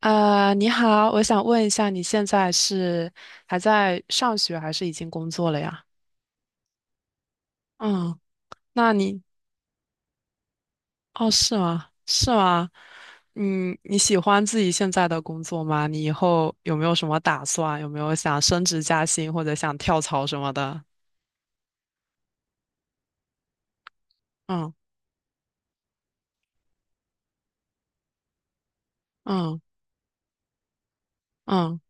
你好，我想问一下，你现在是还在上学还是已经工作了呀？嗯，那你，哦，是吗？是吗？嗯，你喜欢自己现在的工作吗？你以后有没有什么打算？有没有想升职加薪或者想跳槽什么的？嗯，嗯，嗯，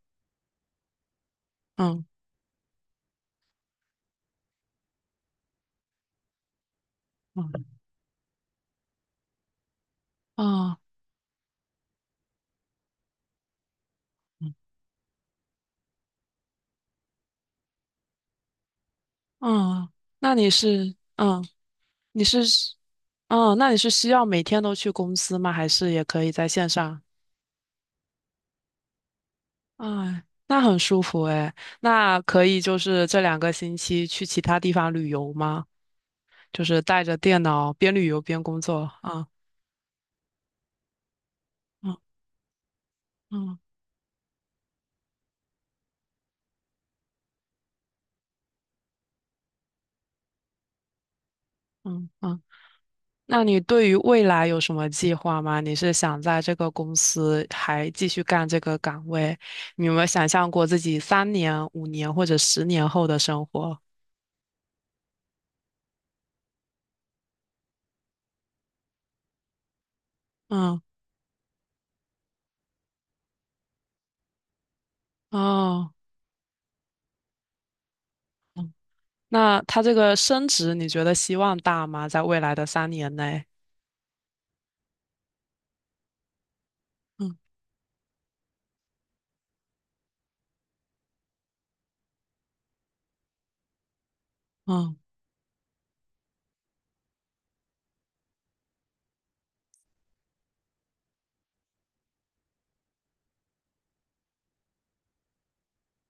嗯，嗯，嗯，嗯，那你是嗯你是嗯，那你是需要每天都去公司吗？还是也可以在线上？哎，那很舒服诶。那可以就是这2个星期去其他地方旅游吗？就是带着电脑边旅游边工作啊。嗯，嗯，嗯，嗯。那你对于未来有什么计划吗？你是想在这个公司还继续干这个岗位？你有没有想象过自己3年、5年或者10年后的生活？嗯，哦，那他这个升职，你觉得希望大吗？在未来的三年内？嗯，嗯，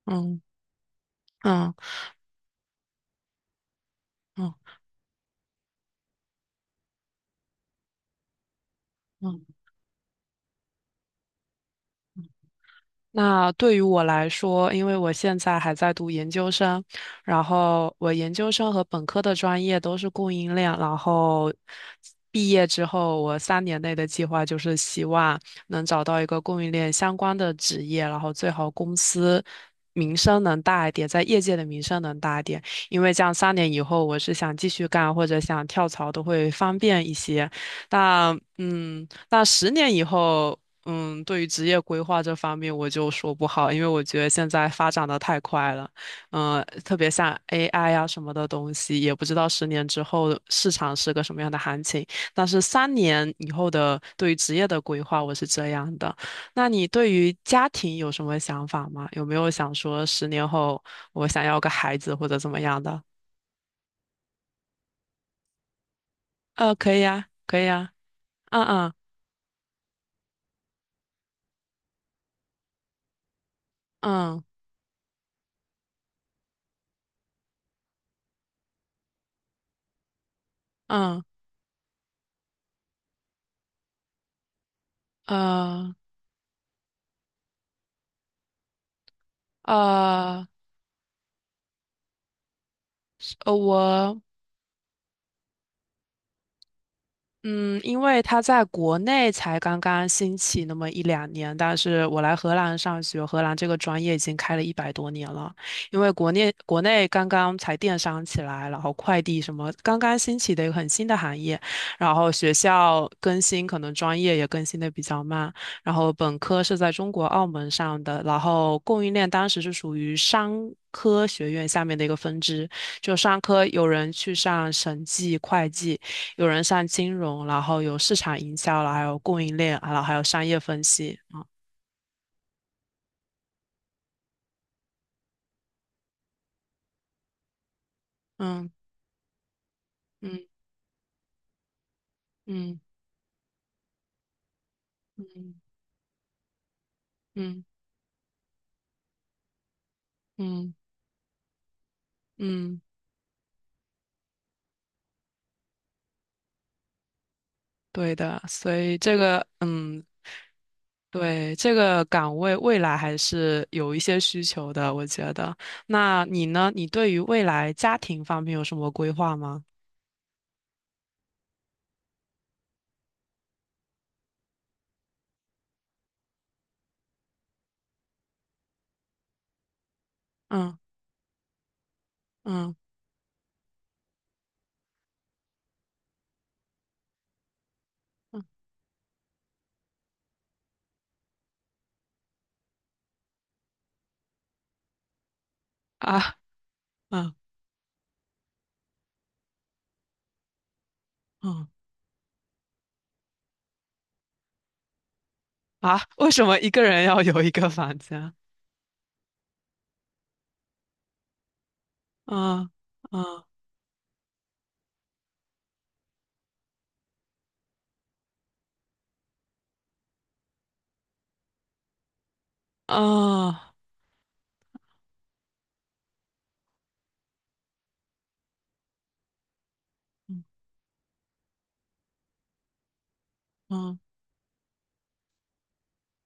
嗯，嗯。嗯，嗯，那对于我来说，因为我现在还在读研究生，然后我研究生和本科的专业都是供应链，然后毕业之后，我三年内的计划就是希望能找到一个供应链相关的职业，然后最好公司名声能大一点，在业界的名声能大一点，因为这样三年以后，我是想继续干或者想跳槽都会方便一些。那嗯，那十年以后。嗯，对于职业规划这方面，我就说不好，因为我觉得现在发展的太快了，嗯、特别像 AI 啊什么的东西，也不知道10年之后市场是个什么样的行情。但是三年以后的对于职业的规划，我是这样的。那你对于家庭有什么想法吗？有没有想说十年后我想要个孩子或者怎么样的？可以啊，可以啊。嗯，嗯，嗯，嗯，嗯，呃呃我。嗯，因为它在国内才刚刚兴起那么一两年，但是我来荷兰上学，荷兰这个专业已经开了100多年了。因为国内刚刚才电商起来，然后快递什么刚刚兴起的一个很新的行业，然后学校更新可能专业也更新的比较慢，然后本科是在中国澳门上的，然后供应链当时是属于商。科学院下面的一个分支，就商科有人去上审计、会计，有人上金融，然后有市场营销，然后还有供应链，然后还有商业分析。嗯，嗯，嗯，嗯，嗯，嗯，嗯，对的。所以这个，嗯，对，这个岗位未来还是有一些需求的，我觉得。那你呢？你对于未来家庭方面有什么规划吗？嗯，嗯，啊，嗯，嗯，啊，为什么一个人要有一个房间？嗯，嗯，哦，嗯，嗯。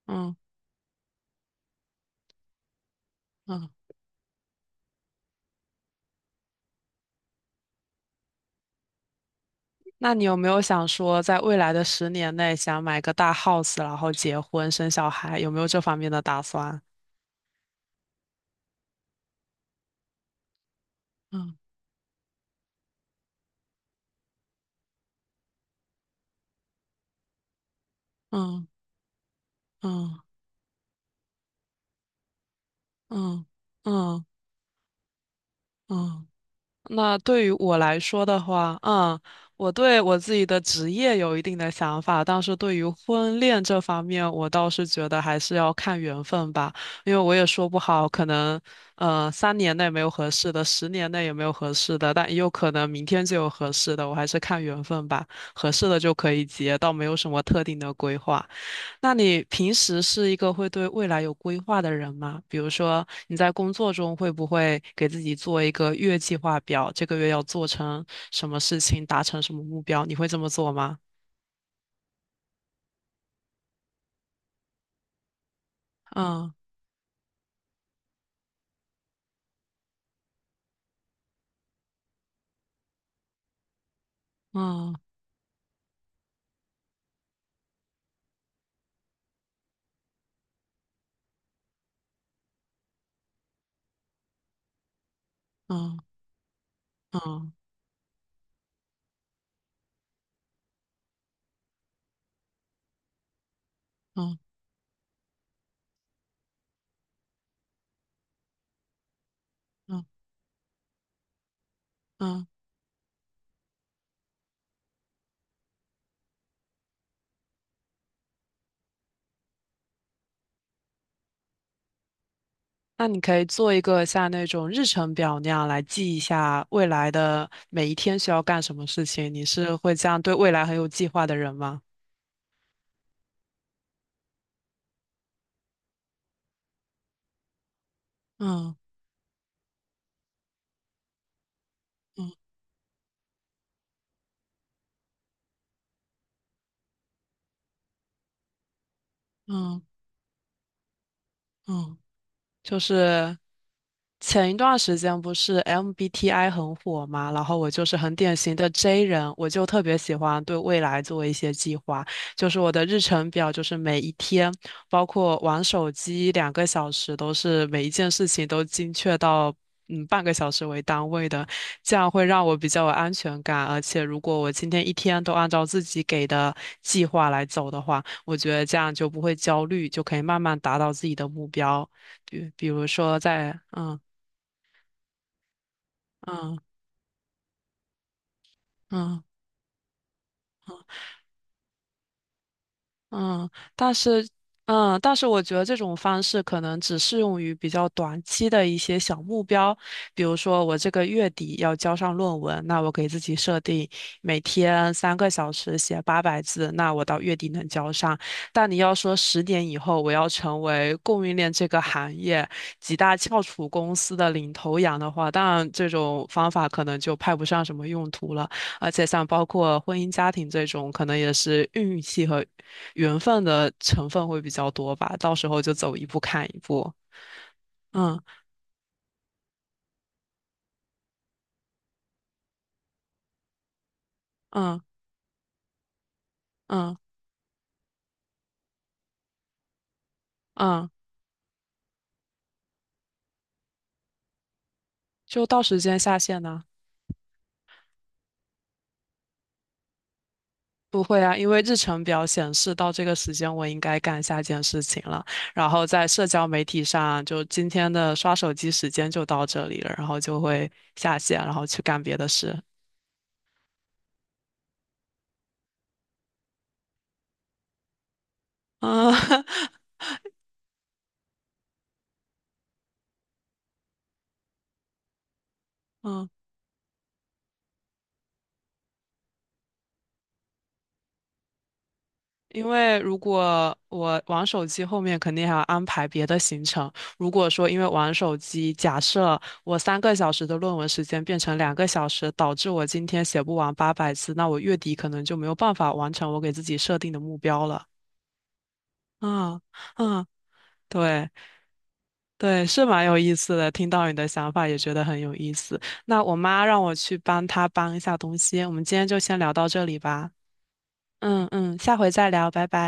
嗯，嗯，那你有没有想说，在未来的十年内想买个大 house，然后结婚生小孩，有没有这方面的打算？嗯，嗯，嗯，嗯，嗯，嗯，嗯。那对于我来说的话，嗯，我对我自己的职业有一定的想法，但是对于婚恋这方面，我倒是觉得还是要看缘分吧，因为我也说不好，可能三年内没有合适的，十年内也没有合适的，但也有可能明天就有合适的，我还是看缘分吧，合适的就可以结，倒没有什么特定的规划。那你平时是一个会对未来有规划的人吗？比如说你在工作中会不会给自己做一个月计划表，这个月要做成什么事情，达成什么目标？你会这么做吗？嗯，嗯，嗯，嗯，嗯，嗯，嗯。那你可以做一个像那种日程表那样来记一下未来的每一天需要干什么事情。你是会这样对未来很有计划的人吗？嗯，嗯，嗯，嗯，就是前一段时间不是 MBTI 很火嘛，然后我就是很典型的 J 人，我就特别喜欢对未来做一些计划，就是我的日程表，就是每一天，包括玩手机两个小时，都是每一件事情都精确到。嗯，半个小时为单位的，这样会让我比较有安全感。而且，如果我今天一天都按照自己给的计划来走的话，我觉得这样就不会焦虑，就可以慢慢达到自己的目标。比比如说在嗯嗯嗯嗯，但是，但是我觉得这种方式可能只适用于比较短期的一些小目标，比如说我这个月底要交上论文，那我给自己设定每天三个小时写八百字，那我到月底能交上。但你要说十年以后我要成为供应链这个行业几大翘楚公司的领头羊的话，当然这种方法可能就派不上什么用途了。而且像包括婚姻家庭这种，可能也是运气和缘分的成分会比较多吧，到时候就走一步看一步。嗯，嗯，嗯，嗯，就到时间下线呢？不会啊，因为日程表显示到这个时间我应该干下件事情了，然后在社交媒体上就今天的刷手机时间就到这里了，然后就会下线，然后去干别的事。嗯 嗯。因为如果我玩手机，后面肯定还要安排别的行程。如果说因为玩手机，假设我三个小时的论文时间变成两个小时，导致我今天写不完八百字，那我月底可能就没有办法完成我给自己设定的目标了。嗯，嗯，对，对，是蛮有意思的。听到你的想法也觉得很有意思。那我妈让我去帮她搬一下东西，我们今天就先聊到这里吧。嗯，嗯，下回再聊，拜拜。